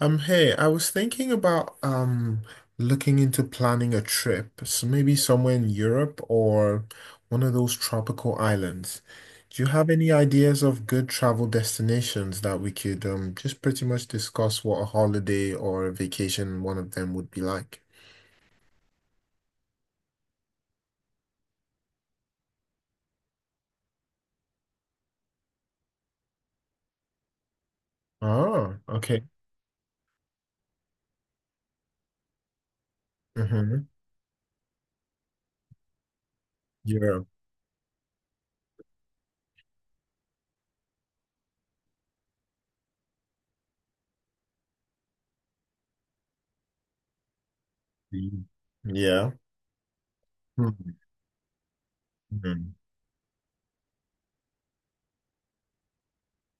Hey, I was thinking about looking into planning a trip, so maybe somewhere in Europe or one of those tropical islands. Do you have any ideas of good travel destinations that we could just pretty much discuss what a holiday or a vacation in one of them would be like? Oh, okay. Mm-hmm. Europe. Yeah. Hmm. Mm-hmm.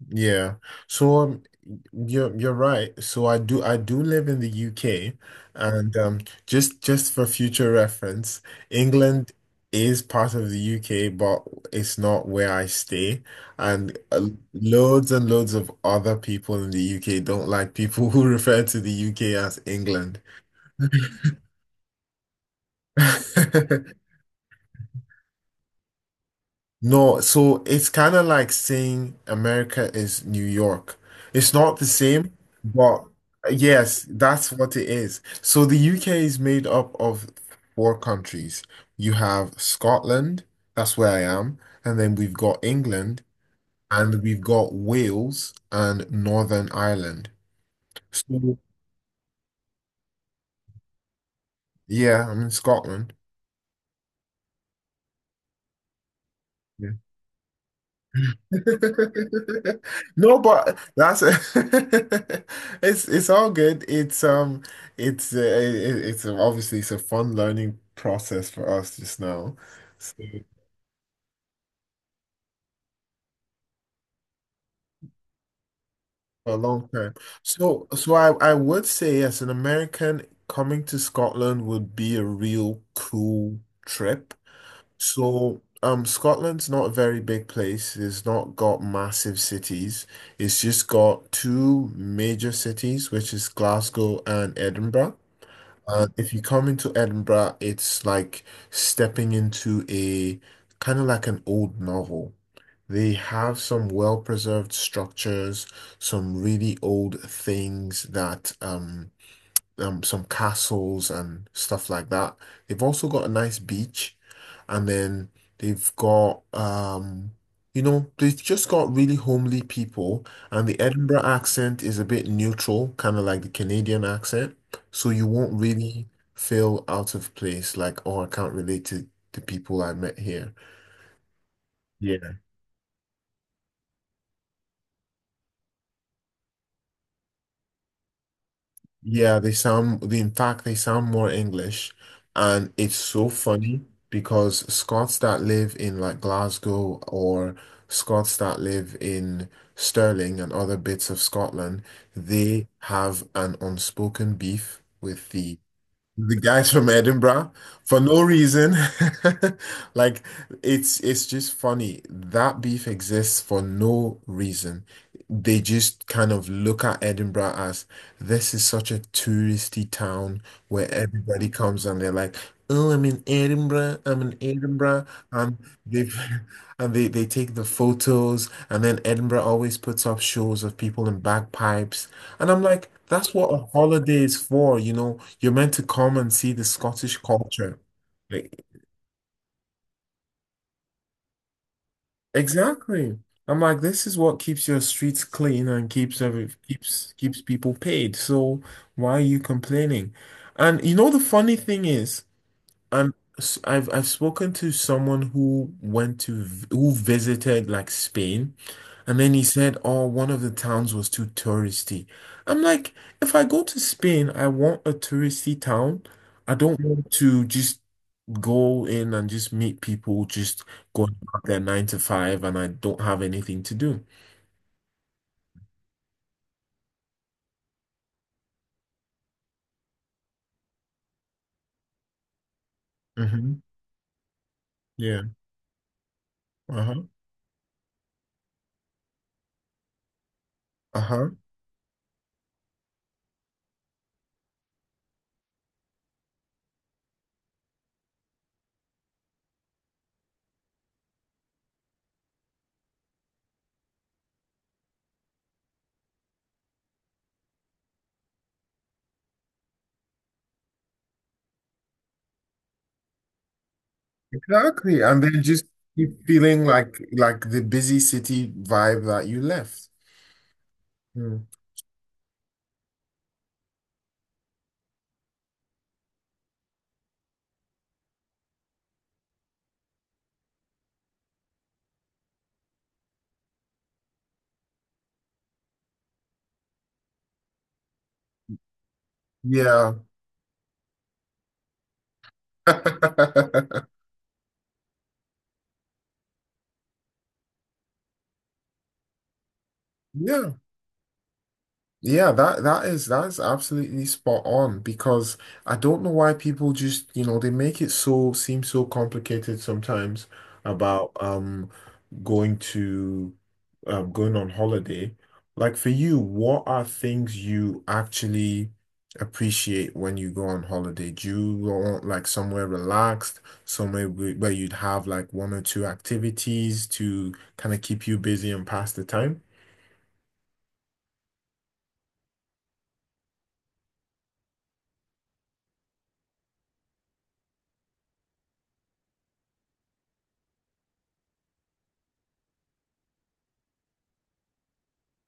Yeah. So um, you're right. So I do live in the UK, and just for future reference, England is part of the UK, but it's not where I stay. And Loads and loads of other people in the UK don't like people who refer to the UK as England. No, so it's kind of like saying America is New York. It's not the same, but yes, that's what it is. So the UK is made up of four countries. You have Scotland, that's where I am, and then we've got England, and we've got Wales and Northern Ireland. So yeah, I'm in Scotland. No, but that's it's all good. It's it's obviously it's a fun learning process for us just now. So for a long time. So I would say yes, an American coming to Scotland would be a real cool trip. So, Scotland's not a very big place. It's not got massive cities. It's just got two major cities, which is Glasgow and Edinburgh. If you come into Edinburgh, it's like stepping into a kind of like an old novel. They have some well-preserved structures, some really old things that some castles and stuff like that. They've also got a nice beach, and then they've got they've just got really homely people, and the Edinburgh accent is a bit neutral, kind of like the Canadian accent, so you won't really feel out of place, like, oh, I can't relate to the people I met here. Yeah, they sound, in fact, they sound more English. And it's so funny because Scots that live in like Glasgow or Scots that live in Stirling and other bits of Scotland, they have an unspoken beef with the guys from Edinburgh, for no reason. Like, it's just funny. That beef exists for no reason. They just kind of look at Edinburgh as, this is such a touristy town where everybody comes and they're like, "Oh, I'm in Edinburgh. I'm in Edinburgh." And they and they take the photos and then Edinburgh always puts up shows of people in bagpipes and I'm like, that's what a holiday is for, you know. You're meant to come and see the Scottish culture. Like, exactly. I'm like, this is what keeps your streets clean and keeps every keeps people paid. So why are you complaining? And the funny thing is, I've spoken to someone who visited like Spain, and then he said, "Oh, one of the towns was too touristy." I'm like, if I go to Spain, I want a touristy town. I don't want to just go in and just meet people just going about their nine to five, and I don't have anything to do. hmm Yeah. Uh-huh. Uh-huh. Exactly. And then just keep feeling like the busy city vibe that you left. Yeah. Yeah. Yeah, that is that is absolutely spot on because I don't know why people just, you know, they make it so seem so complicated sometimes about going to going on holiday. Like for you, what are things you actually appreciate when you go on holiday? Do you want like somewhere relaxed, somewhere where you'd have like one or two activities to kind of keep you busy and pass the time?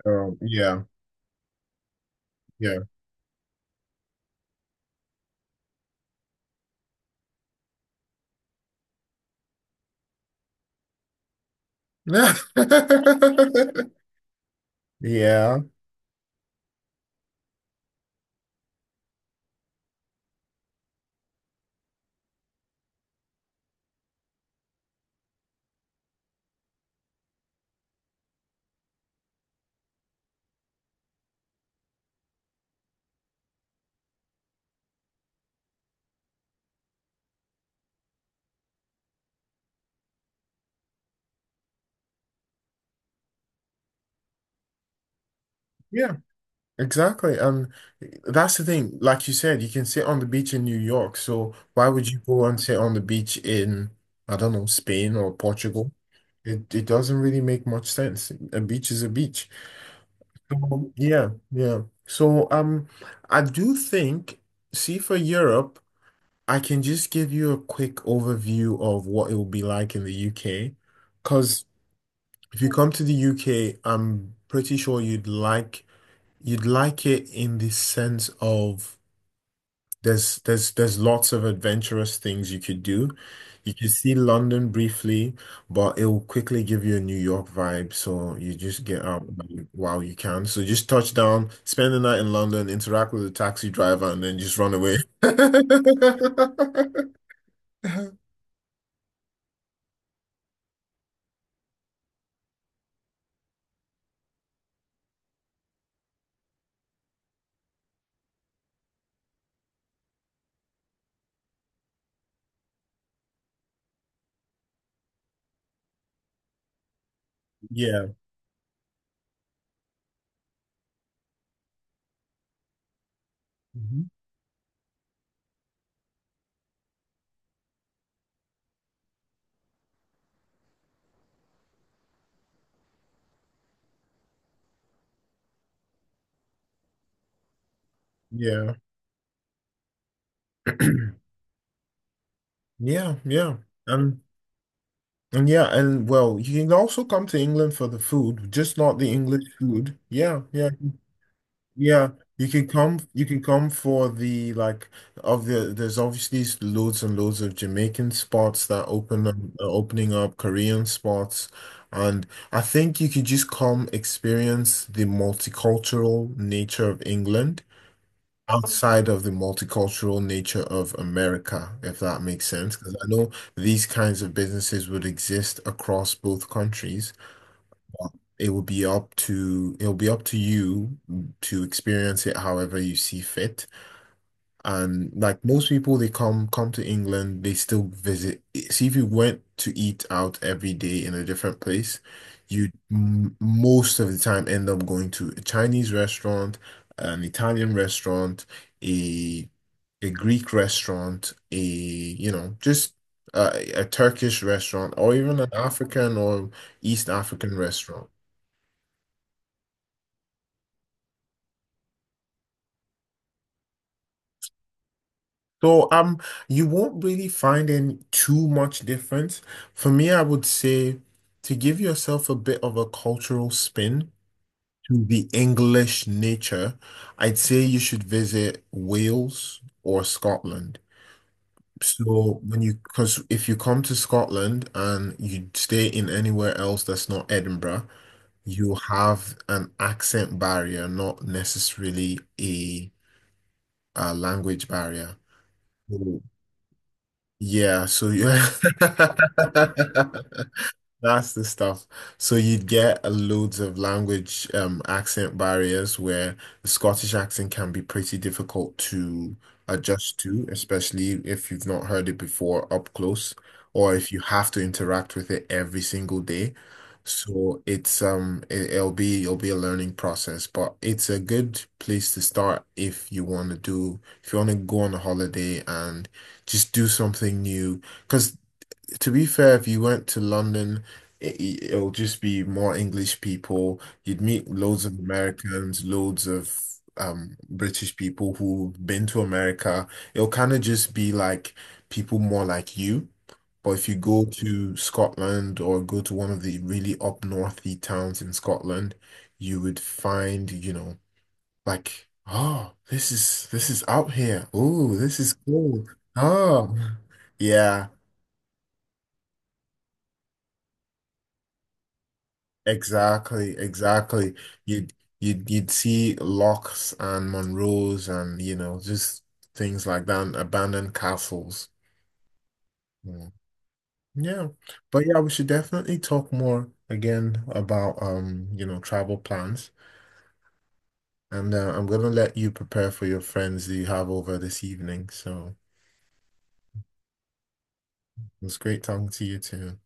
Yeah, yeah. Yeah. Yeah. Exactly. And that's the thing. Like you said, you can sit on the beach in New York. So why would you go and sit on the beach in, I don't know, Spain or Portugal? It doesn't really make much sense. A beach is a beach. So, yeah, yeah. I do think, see for Europe, I can just give you a quick overview of what it will be like in the UK. Because if you come to the UK, I'm pretty sure you'd like. You'd like it in the sense of there's lots of adventurous things you could do. You could see London briefly, but it will quickly give you a New York vibe. So you just get out while you can. So just touch down, spend the night in London, interact with the taxi driver, and then just run away. Yeah. Mhm. Yeah. Yeah, yeah. and and yeah, and well, you can also come to England for the food, just not the English food. Yeah, yeah. Yeah, you can come. You can come for the like of the. There's obviously loads and loads of Jamaican spots that open up, are opening up Korean spots, and I think you could just come experience the multicultural nature of England outside of the multicultural nature of America, if that makes sense. Because I know these kinds of businesses would exist across both countries. It will be up to it'll be up to you to experience it however you see fit. And like most people, they come to England, they still visit. See, if you went to eat out every day in a different place, you m most of the time end up going to a Chinese restaurant, an Italian restaurant, a a Greek restaurant, a you know just a Turkish restaurant, or even an African or East African restaurant. So you won't really find in too much difference. For me, I would say to give yourself a bit of a cultural spin to the English nature, I'd say you should visit Wales or Scotland. So because if you come to Scotland and you stay in anywhere else that's not Edinburgh, you have an accent barrier, not necessarily a language barrier. So yeah, so yeah. That's the stuff. So you'd get a loads of language accent barriers where the Scottish accent can be pretty difficult to adjust to, especially if you've not heard it before up close, or if you have to interact with it every single day. So it'll be a learning process, but it's a good place to start if you want to go on a holiday and just do something new. Because. To be fair, if you went to London, it'll just be more English people. You'd meet loads of Americans, loads of British people who've been to America. It'll kind of just be like people more like you. But if you go to Scotland or go to one of the really up northy towns in Scotland, you would find, you know, like, oh, this is out here. Oh, this is cool. Oh, yeah. Exactly, exactly. You'd you'd see locks and Monroes and, you know, just things like that, and abandoned castles. Mm. Yeah, but yeah, we should definitely talk more again about travel plans. And I'm gonna let you prepare for your friends that you have over this evening. So it was great talking to you too.